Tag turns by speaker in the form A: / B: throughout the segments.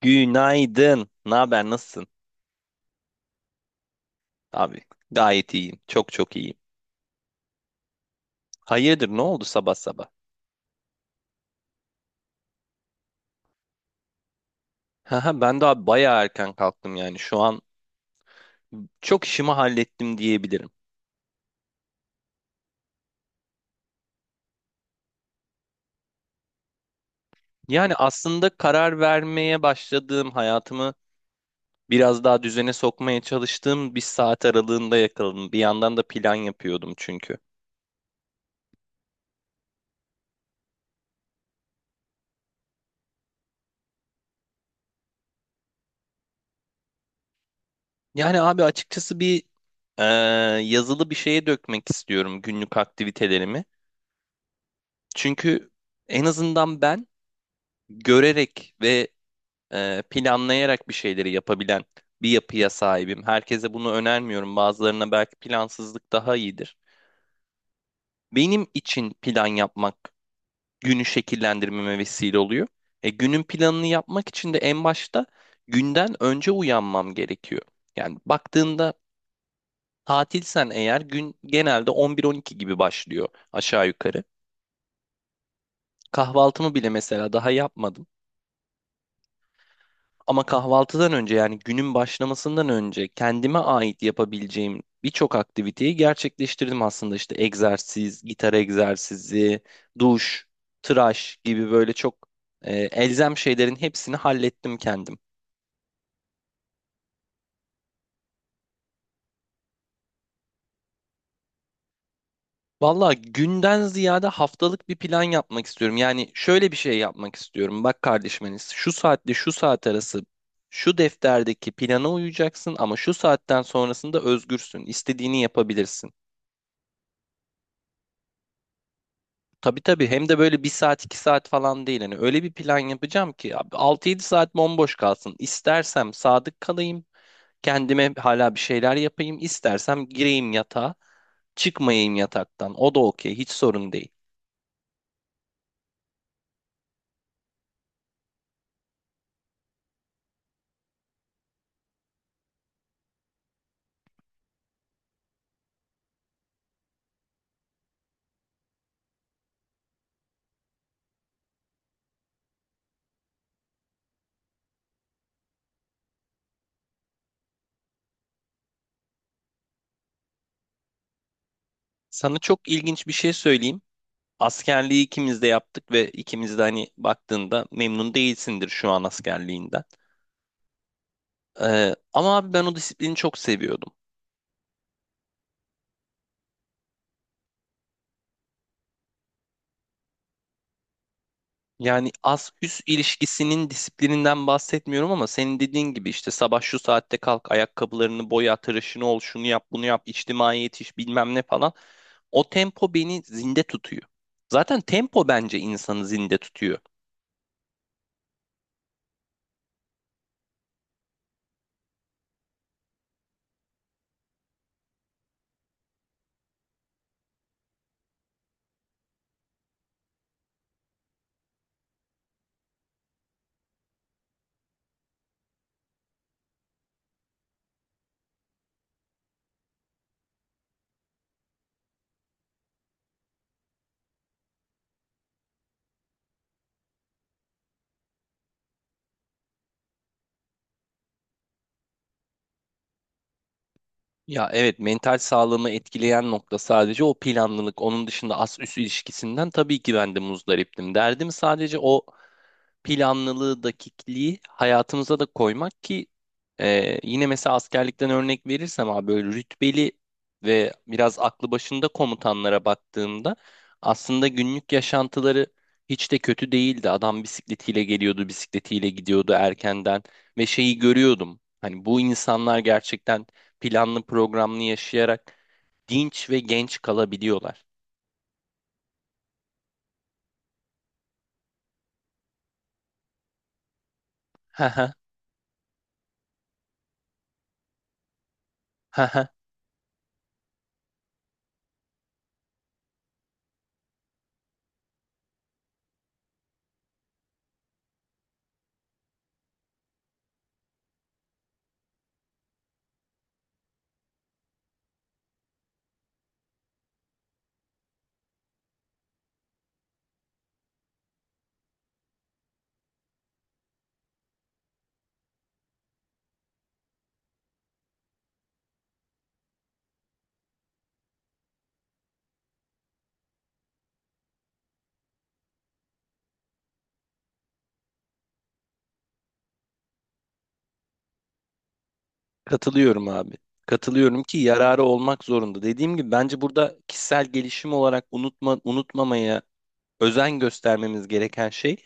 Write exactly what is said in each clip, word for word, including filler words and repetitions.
A: Günaydın. Ne haber? Nasılsın? Abi gayet iyiyim. Çok çok iyiyim. Hayırdır ne oldu sabah sabah? Haha, ben daha bayağı erken kalktım yani. Şu an çok işimi hallettim diyebilirim. Yani aslında karar vermeye başladığım hayatımı biraz daha düzene sokmaya çalıştığım bir saat aralığında yakaladım. Bir yandan da plan yapıyordum çünkü. Yani abi açıkçası bir eee, yazılı bir şeye dökmek istiyorum günlük aktivitelerimi. Çünkü en azından ben görerek ve e, planlayarak bir şeyleri yapabilen bir yapıya sahibim. Herkese bunu önermiyorum. Bazılarına belki plansızlık daha iyidir. Benim için plan yapmak günü şekillendirmeme vesile oluyor. E, günün planını yapmak için de en başta günden önce uyanmam gerekiyor. Yani baktığında tatilsen eğer gün genelde on bir on iki gibi başlıyor aşağı yukarı. Kahvaltımı bile mesela daha yapmadım. Ama kahvaltıdan önce yani günün başlamasından önce kendime ait yapabileceğim birçok aktiviteyi gerçekleştirdim aslında. İşte egzersiz, gitar egzersizi, duş, tıraş gibi böyle çok e, elzem şeylerin hepsini hallettim kendim. Valla günden ziyade haftalık bir plan yapmak istiyorum. Yani şöyle bir şey yapmak istiyorum. Bak kardeşim Enes, şu saatle şu saat arası şu defterdeki plana uyacaksın ama şu saatten sonrasında özgürsün. İstediğini yapabilirsin. Tabii tabii hem de böyle bir saat iki saat falan değil. Hani öyle bir plan yapacağım ki abi altı yedi saat bomboş kalsın. İstersem sadık kalayım. Kendime hala bir şeyler yapayım. İstersem gireyim yatağa. Çıkmayayım yataktan. O da okey. Hiç sorun değil. Sana çok ilginç bir şey söyleyeyim. Askerliği ikimiz de yaptık ve ikimiz de hani baktığında memnun değilsindir şu an askerliğinden. Ee, ama abi ben o disiplini çok seviyordum. Yani az üst ilişkisinin disiplininden bahsetmiyorum ama senin dediğin gibi işte sabah şu saatte kalk, ayakkabılarını boya, tıraşını ol, şunu yap, bunu yap, içtimai yetiş bilmem ne falan. O tempo beni zinde tutuyor. Zaten tempo bence insanı zinde tutuyor. Ya evet, mental sağlığımı etkileyen nokta sadece o planlılık. Onun dışında az üst ilişkisinden tabii ki ben de muzdariptim. Derdim sadece o planlılığı, dakikliği hayatımıza da koymak ki e, yine mesela askerlikten örnek verirsem abi böyle rütbeli ve biraz aklı başında komutanlara baktığımda aslında günlük yaşantıları hiç de kötü değildi. Adam bisikletiyle geliyordu, bisikletiyle gidiyordu erkenden ve şeyi görüyordum. Hani bu insanlar gerçekten planlı programlı yaşayarak dinç ve genç kalabiliyorlar. Katılıyorum abi. Katılıyorum ki yararı olmak zorunda. Dediğim gibi bence burada kişisel gelişim olarak unutma, unutmamaya özen göstermemiz gereken şey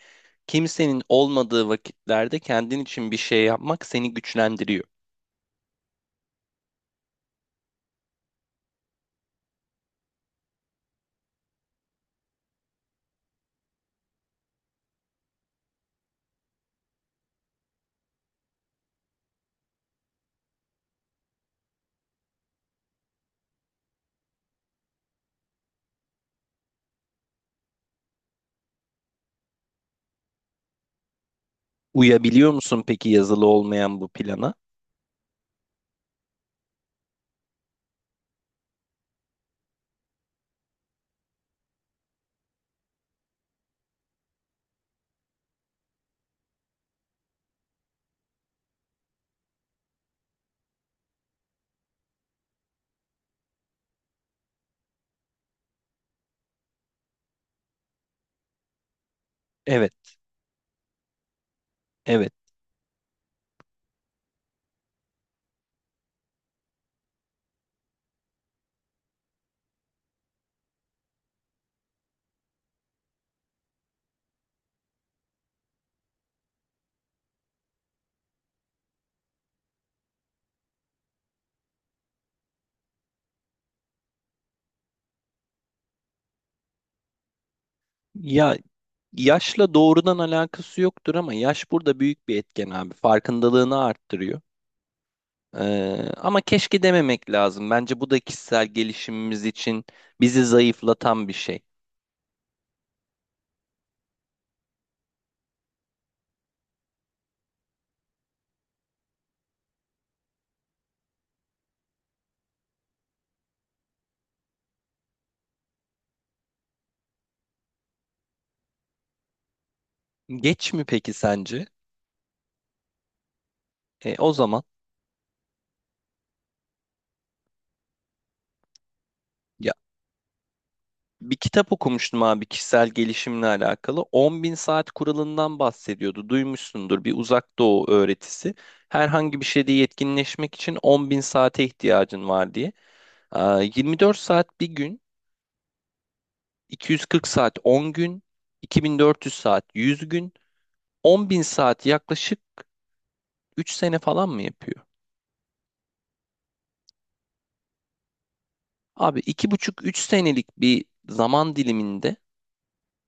A: kimsenin olmadığı vakitlerde kendin için bir şey yapmak seni güçlendiriyor. Uyabiliyor musun peki yazılı olmayan bu plana? Evet, evet. Ya yaşla doğrudan alakası yoktur ama yaş burada büyük bir etken abi. Farkındalığını arttırıyor. Ee, ama keşke dememek lazım. Bence bu da kişisel gelişimimiz için bizi zayıflatan bir şey. Geç mi peki sence? E, o zaman ya bir kitap okumuştum abi kişisel gelişimle alakalı. on bin saat kuralından bahsediyordu. Duymuşsundur bir uzak doğu öğretisi. Herhangi bir şeyde yetkinleşmek için on bin saate ihtiyacın var diye. Aa, yirmi dört saat bir gün, iki yüz kırk saat on gün, iki bin dört yüz saat yüz gün, on bin saat yaklaşık üç sene falan mı yapıyor? Abi iki buçuk üç senelik bir zaman diliminde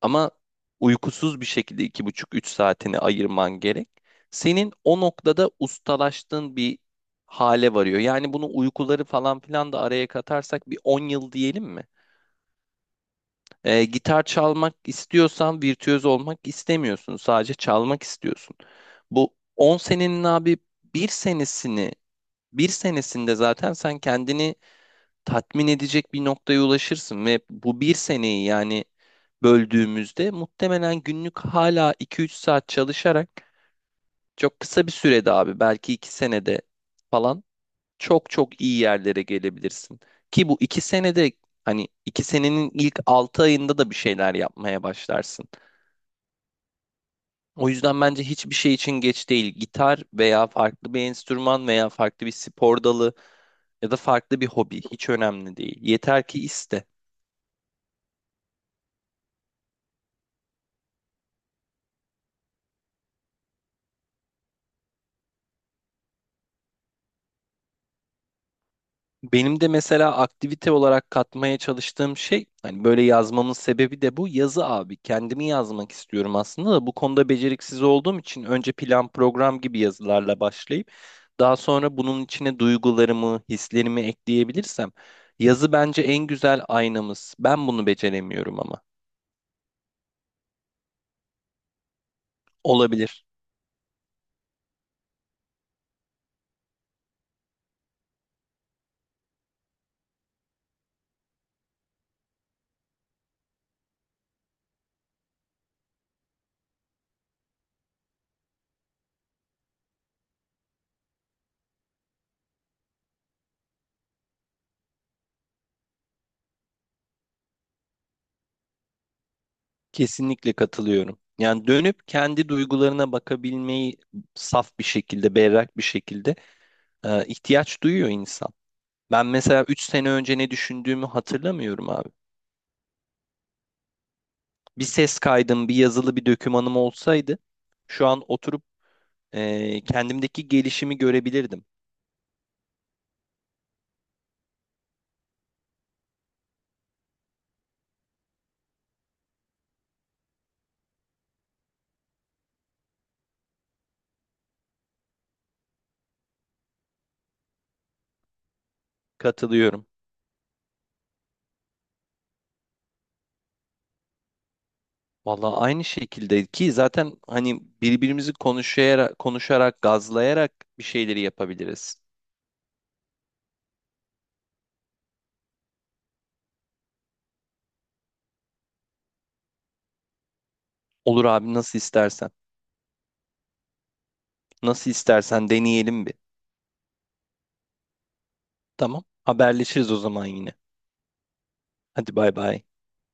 A: ama uykusuz bir şekilde iki buçuk üç saatini ayırman gerek. Senin o noktada ustalaştığın bir hale varıyor. Yani bunu uykuları falan filan da araya katarsak bir on yıl diyelim mi? Ee, gitar çalmak istiyorsan virtüöz olmak istemiyorsun. Sadece çalmak istiyorsun. Bu on senenin abi bir senesini bir senesinde zaten sen kendini tatmin edecek bir noktaya ulaşırsın ve bu bir seneyi yani böldüğümüzde muhtemelen günlük hala iki üç saat çalışarak çok kısa bir sürede abi belki iki senede falan çok çok iyi yerlere gelebilirsin. Ki bu iki senede hani iki senenin ilk altı ayında da bir şeyler yapmaya başlarsın. O yüzden bence hiçbir şey için geç değil. Gitar veya farklı bir enstrüman veya farklı bir spor dalı ya da farklı bir hobi hiç önemli değil. Yeter ki iste. Benim de mesela aktivite olarak katmaya çalıştığım şey hani böyle yazmamın sebebi de bu yazı abi. Kendimi yazmak istiyorum aslında da bu konuda beceriksiz olduğum için önce plan program gibi yazılarla başlayıp daha sonra bunun içine duygularımı, hislerimi ekleyebilirsem yazı bence en güzel aynamız. Ben bunu beceremiyorum ama. Olabilir. Kesinlikle katılıyorum. Yani dönüp kendi duygularına bakabilmeyi saf bir şekilde, berrak bir şekilde e, ihtiyaç duyuyor insan. Ben mesela üç sene önce ne düşündüğümü hatırlamıyorum abi. Bir ses kaydım, bir yazılı bir dokümanım olsaydı şu an oturup eee, kendimdeki gelişimi görebilirdim. Katılıyorum. Vallahi aynı şekilde ki zaten hani birbirimizi konuşayarak, konuşarak, gazlayarak bir şeyleri yapabiliriz. Olur abi nasıl istersen. Nasıl istersen deneyelim bir. Tamam. Haberleşiriz o zaman yine. Hadi bay bay.